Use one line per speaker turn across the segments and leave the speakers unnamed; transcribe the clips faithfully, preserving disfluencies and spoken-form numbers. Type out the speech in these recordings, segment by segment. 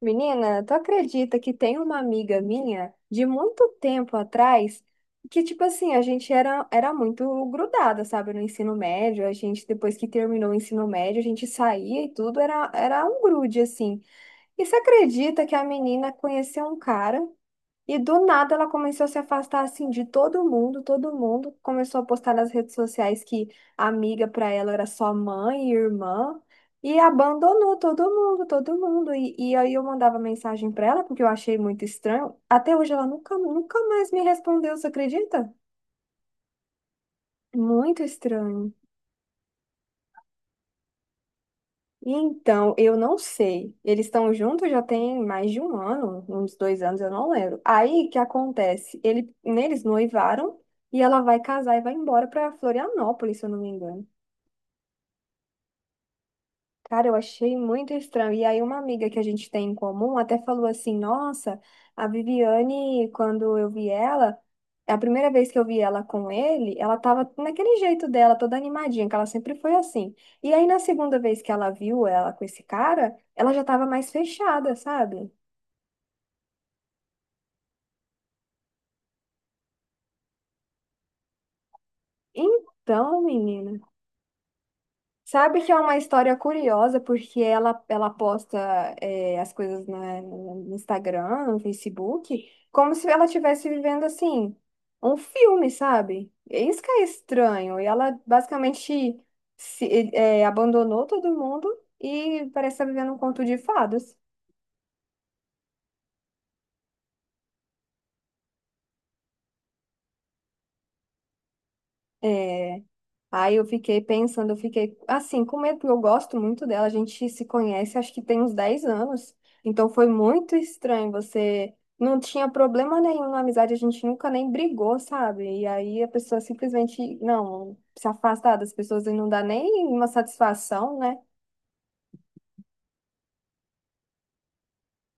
Menina, tu acredita que tem uma amiga minha de muito tempo atrás que, tipo assim, a gente era, era muito grudada, sabe, no ensino médio. A gente, depois que terminou o ensino médio, a gente saía e tudo, era, era um grude, assim. E você acredita que a menina conheceu um cara? E do nada ela começou a se afastar assim de todo mundo, todo mundo começou a postar nas redes sociais que a amiga para ela era só mãe e irmã e abandonou todo mundo, todo mundo. E, e aí eu mandava mensagem para ela porque eu achei muito estranho. Até hoje ela nunca, nunca mais me respondeu, você acredita? Muito estranho. Então, eu não sei. Eles estão juntos já tem mais de um ano, uns dois anos, eu não lembro. Aí, o que acontece? Ele, eles noivaram e ela vai casar e vai embora para Florianópolis, se eu não me engano. Cara, eu achei muito estranho. E aí, uma amiga que a gente tem em comum até falou assim: "Nossa, a Viviane, quando eu vi ela, a primeira vez que eu vi ela com ele, ela tava naquele jeito dela, toda animadinha, que ela sempre foi assim. E aí, na segunda vez que ela viu ela com esse cara, ela já tava mais fechada, sabe?" Então, menina. Sabe que é uma história curiosa, porque ela, ela posta é, as coisas na- no Instagram, no Facebook, como se ela estivesse vivendo assim, um filme, sabe? É isso que é estranho. E ela basicamente se, é, abandonou todo mundo e parece estar vivendo um conto de fadas. É. Aí eu fiquei pensando, eu fiquei assim, com medo, porque eu gosto muito dela, a gente se conhece, acho que tem uns dez anos. Então foi muito estranho, você não tinha problema nenhum na amizade, a gente nunca nem brigou, sabe? E aí a pessoa simplesmente, não, se afastar das pessoas e não dá nem uma satisfação, né?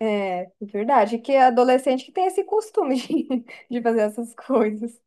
É, é verdade, que é adolescente que tem esse costume de, de fazer essas coisas.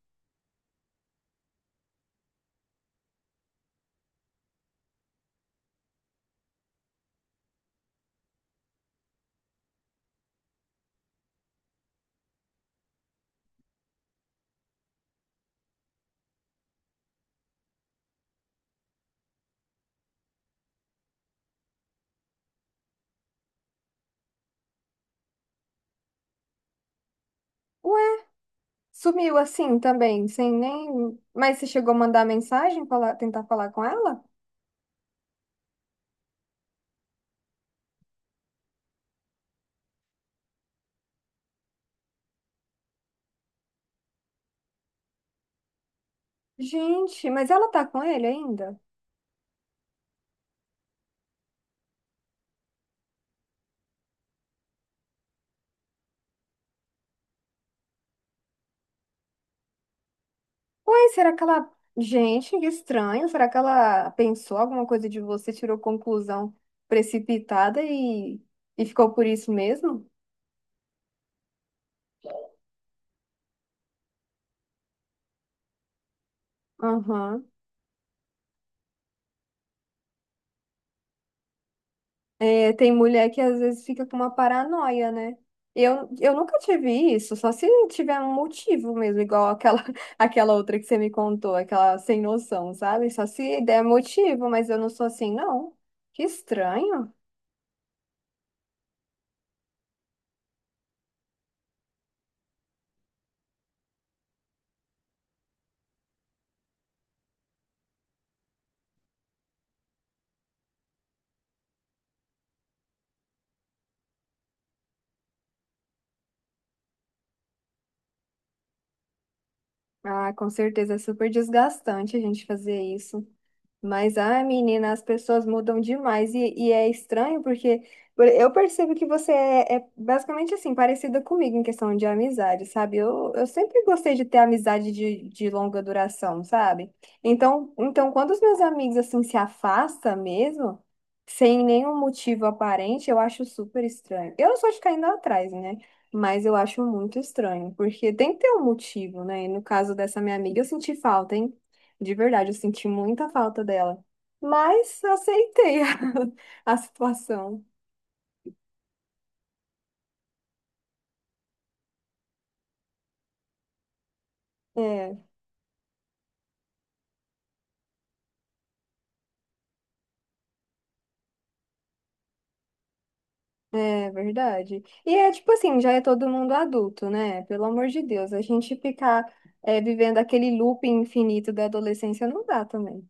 Ué, sumiu assim também, sem nem. Mas você chegou a mandar mensagem, falar, tentar falar com ela? Gente, mas ela tá com ele ainda? Ué, será que ela. Gente, que estranho. Será que ela pensou alguma coisa de você, tirou conclusão precipitada e, e ficou por isso mesmo? Aham. É, tem mulher que às vezes fica com uma paranoia, né? Eu, eu nunca tive isso, só se tiver um motivo mesmo, igual aquela, aquela outra que você me contou, aquela sem noção, sabe? Só se der motivo, mas eu não sou assim, não. Que estranho. Ah, com certeza é super desgastante a gente fazer isso. Mas, ai, menina, as pessoas mudam demais e, e é estranho porque por- eu percebo que você é, é basicamente assim, parecida comigo em questão de amizade, sabe? Eu, eu sempre gostei de ter amizade de, de longa duração, sabe? Então, então, quando os meus amigos assim se afastam mesmo, sem nenhum motivo aparente, eu acho super estranho. Eu não sou de ficar indo atrás, né? Mas eu acho muito estranho, porque tem que ter um motivo, né? E no caso dessa minha amiga, eu senti falta, hein? De verdade, eu senti muita falta dela. Mas aceitei a, a situação. É, é verdade. E é tipo assim, já é todo mundo adulto, né? Pelo amor de Deus, a gente ficar é, vivendo aquele looping infinito da adolescência não dá também.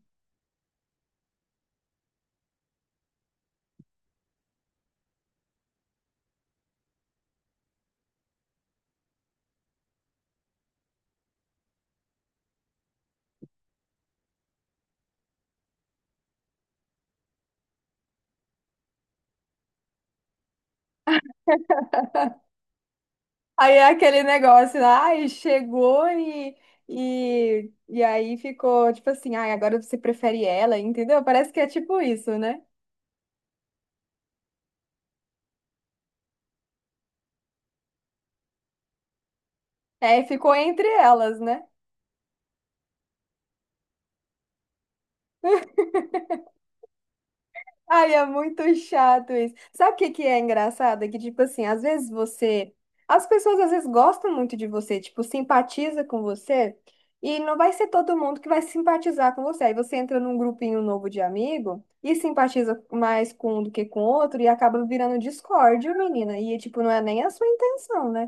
Aí é aquele negócio, ai, chegou e, e, e aí ficou tipo assim, ai, agora você prefere ela, entendeu? Parece que é tipo isso, né? É, ficou entre elas, né? Ai, é muito chato isso. Sabe o que que é engraçado? É que, tipo assim, às vezes você. As pessoas às vezes gostam muito de você, tipo, simpatiza com você, e não vai ser todo mundo que vai simpatizar com você. Aí você entra num grupinho novo de amigo e simpatiza mais com um do que com outro e acaba virando discórdia, menina. E, tipo, não é nem a sua intenção, né?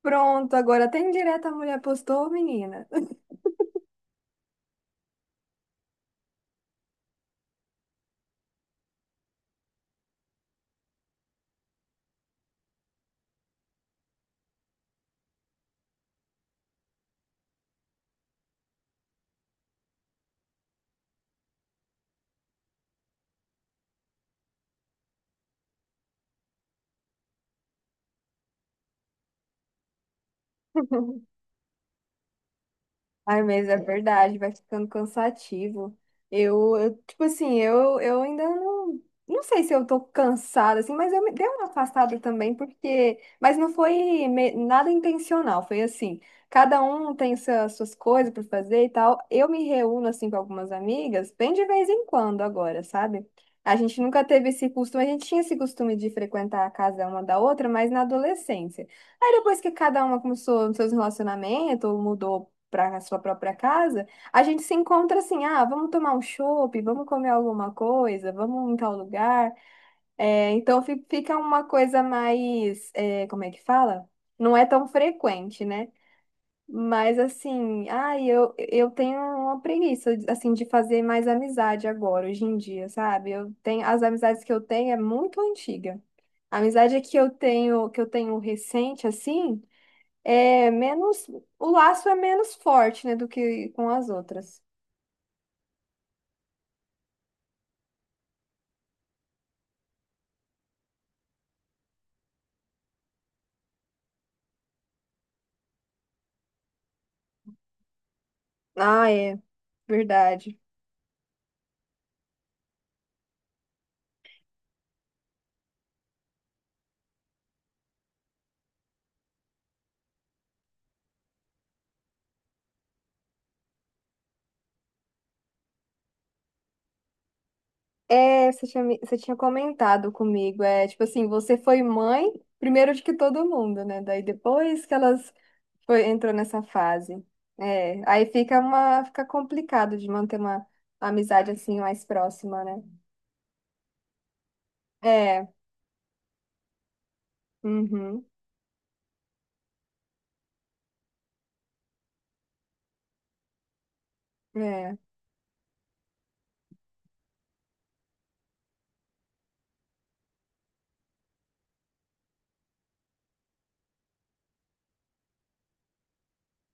Pronto, agora tem direto a mulher postou, menina. Ai, mas é verdade, vai ficando cansativo. Eu, eu, tipo assim, eu, eu ainda não, não sei se eu tô cansada, assim, mas eu me dei uma afastada também, porque. Mas não foi me- nada intencional, foi assim. Cada um tem suas suas coisas para fazer e tal. Eu me reúno, assim, com algumas amigas, bem de vez em quando agora, sabe? A gente nunca teve esse costume, a gente tinha esse costume de frequentar a casa uma da outra, mas na adolescência. Aí depois que cada uma começou nos seus relacionamentos, ou mudou para a sua própria casa, a gente se encontra assim, ah, vamos tomar um chopp, vamos comer alguma coisa, vamos em tal lugar. É, então fi- fica uma coisa mais, é, como é que fala? Não é tão frequente, né? Mas assim, ai, eu, eu tenho uma preguiça assim de fazer mais amizade agora, hoje em dia, sabe? Eu tenho as amizades que eu tenho é muito antiga. A amizade que eu tenho, que eu tenho recente assim, é menos, o laço é menos forte, né, do que com as outras. Ah, é, verdade. É, você tinha, me- você tinha comentado comigo, é, tipo assim, você foi mãe primeiro de que todo mundo, né? Daí depois que elas foi, entrou nessa fase. É, aí fica uma, fica complicado de manter uma amizade assim mais próxima, né? É, uhum, é.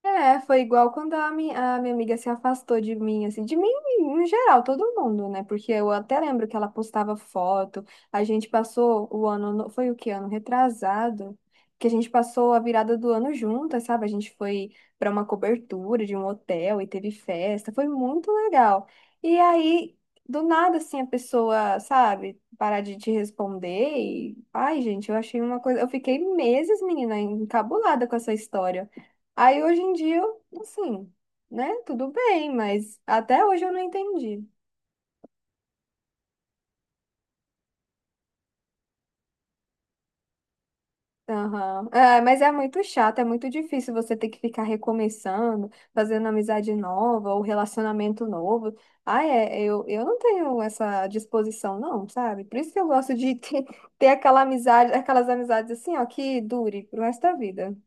É, foi igual quando a minha, a minha amiga se afastou de mim, assim, de mim em geral, todo mundo, né? Porque eu até lembro que ela postava foto, a gente passou o ano, no- foi o que ano? Retrasado, que a gente passou a virada do ano juntas, sabe? A gente foi para uma cobertura de um hotel e teve festa, foi muito legal. E aí, do nada, assim, a pessoa, sabe, parar de te responder e, ai, gente, eu achei uma coisa, eu fiquei meses, menina, encabulada com essa história. Aí hoje em dia, eu, assim, né? Tudo bem, mas até hoje eu não entendi. Aham. É, mas é muito chato, é muito difícil você ter que ficar recomeçando, fazendo amizade nova ou relacionamento novo. Ah, é, eu, eu não tenho essa disposição, não, sabe? Por isso que eu gosto de ter, ter aquela amizade, aquelas amizades assim, ó, que dure pro resto da vida.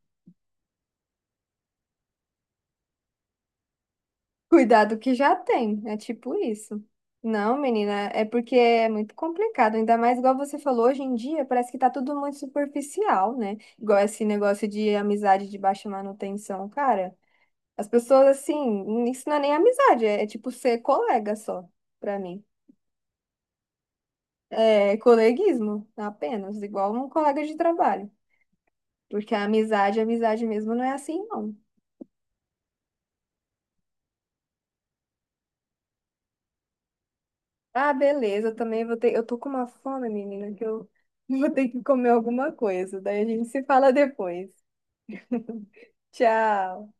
Cuidado que já tem, é tipo isso. Não, menina, é porque é muito complicado, ainda mais igual você falou, hoje em dia parece que tá tudo muito superficial, né? Igual esse negócio de amizade de baixa manutenção, cara. As pessoas assim, isso não é nem amizade, é, é tipo ser colega só, pra mim. É coleguismo, apenas, igual um colega de trabalho. Porque a amizade, a amizade mesmo não é assim, não. Ah, beleza, eu também vou ter. Eu tô com uma fome, menina, que eu vou ter que comer alguma coisa. Daí a gente se fala depois. Tchau.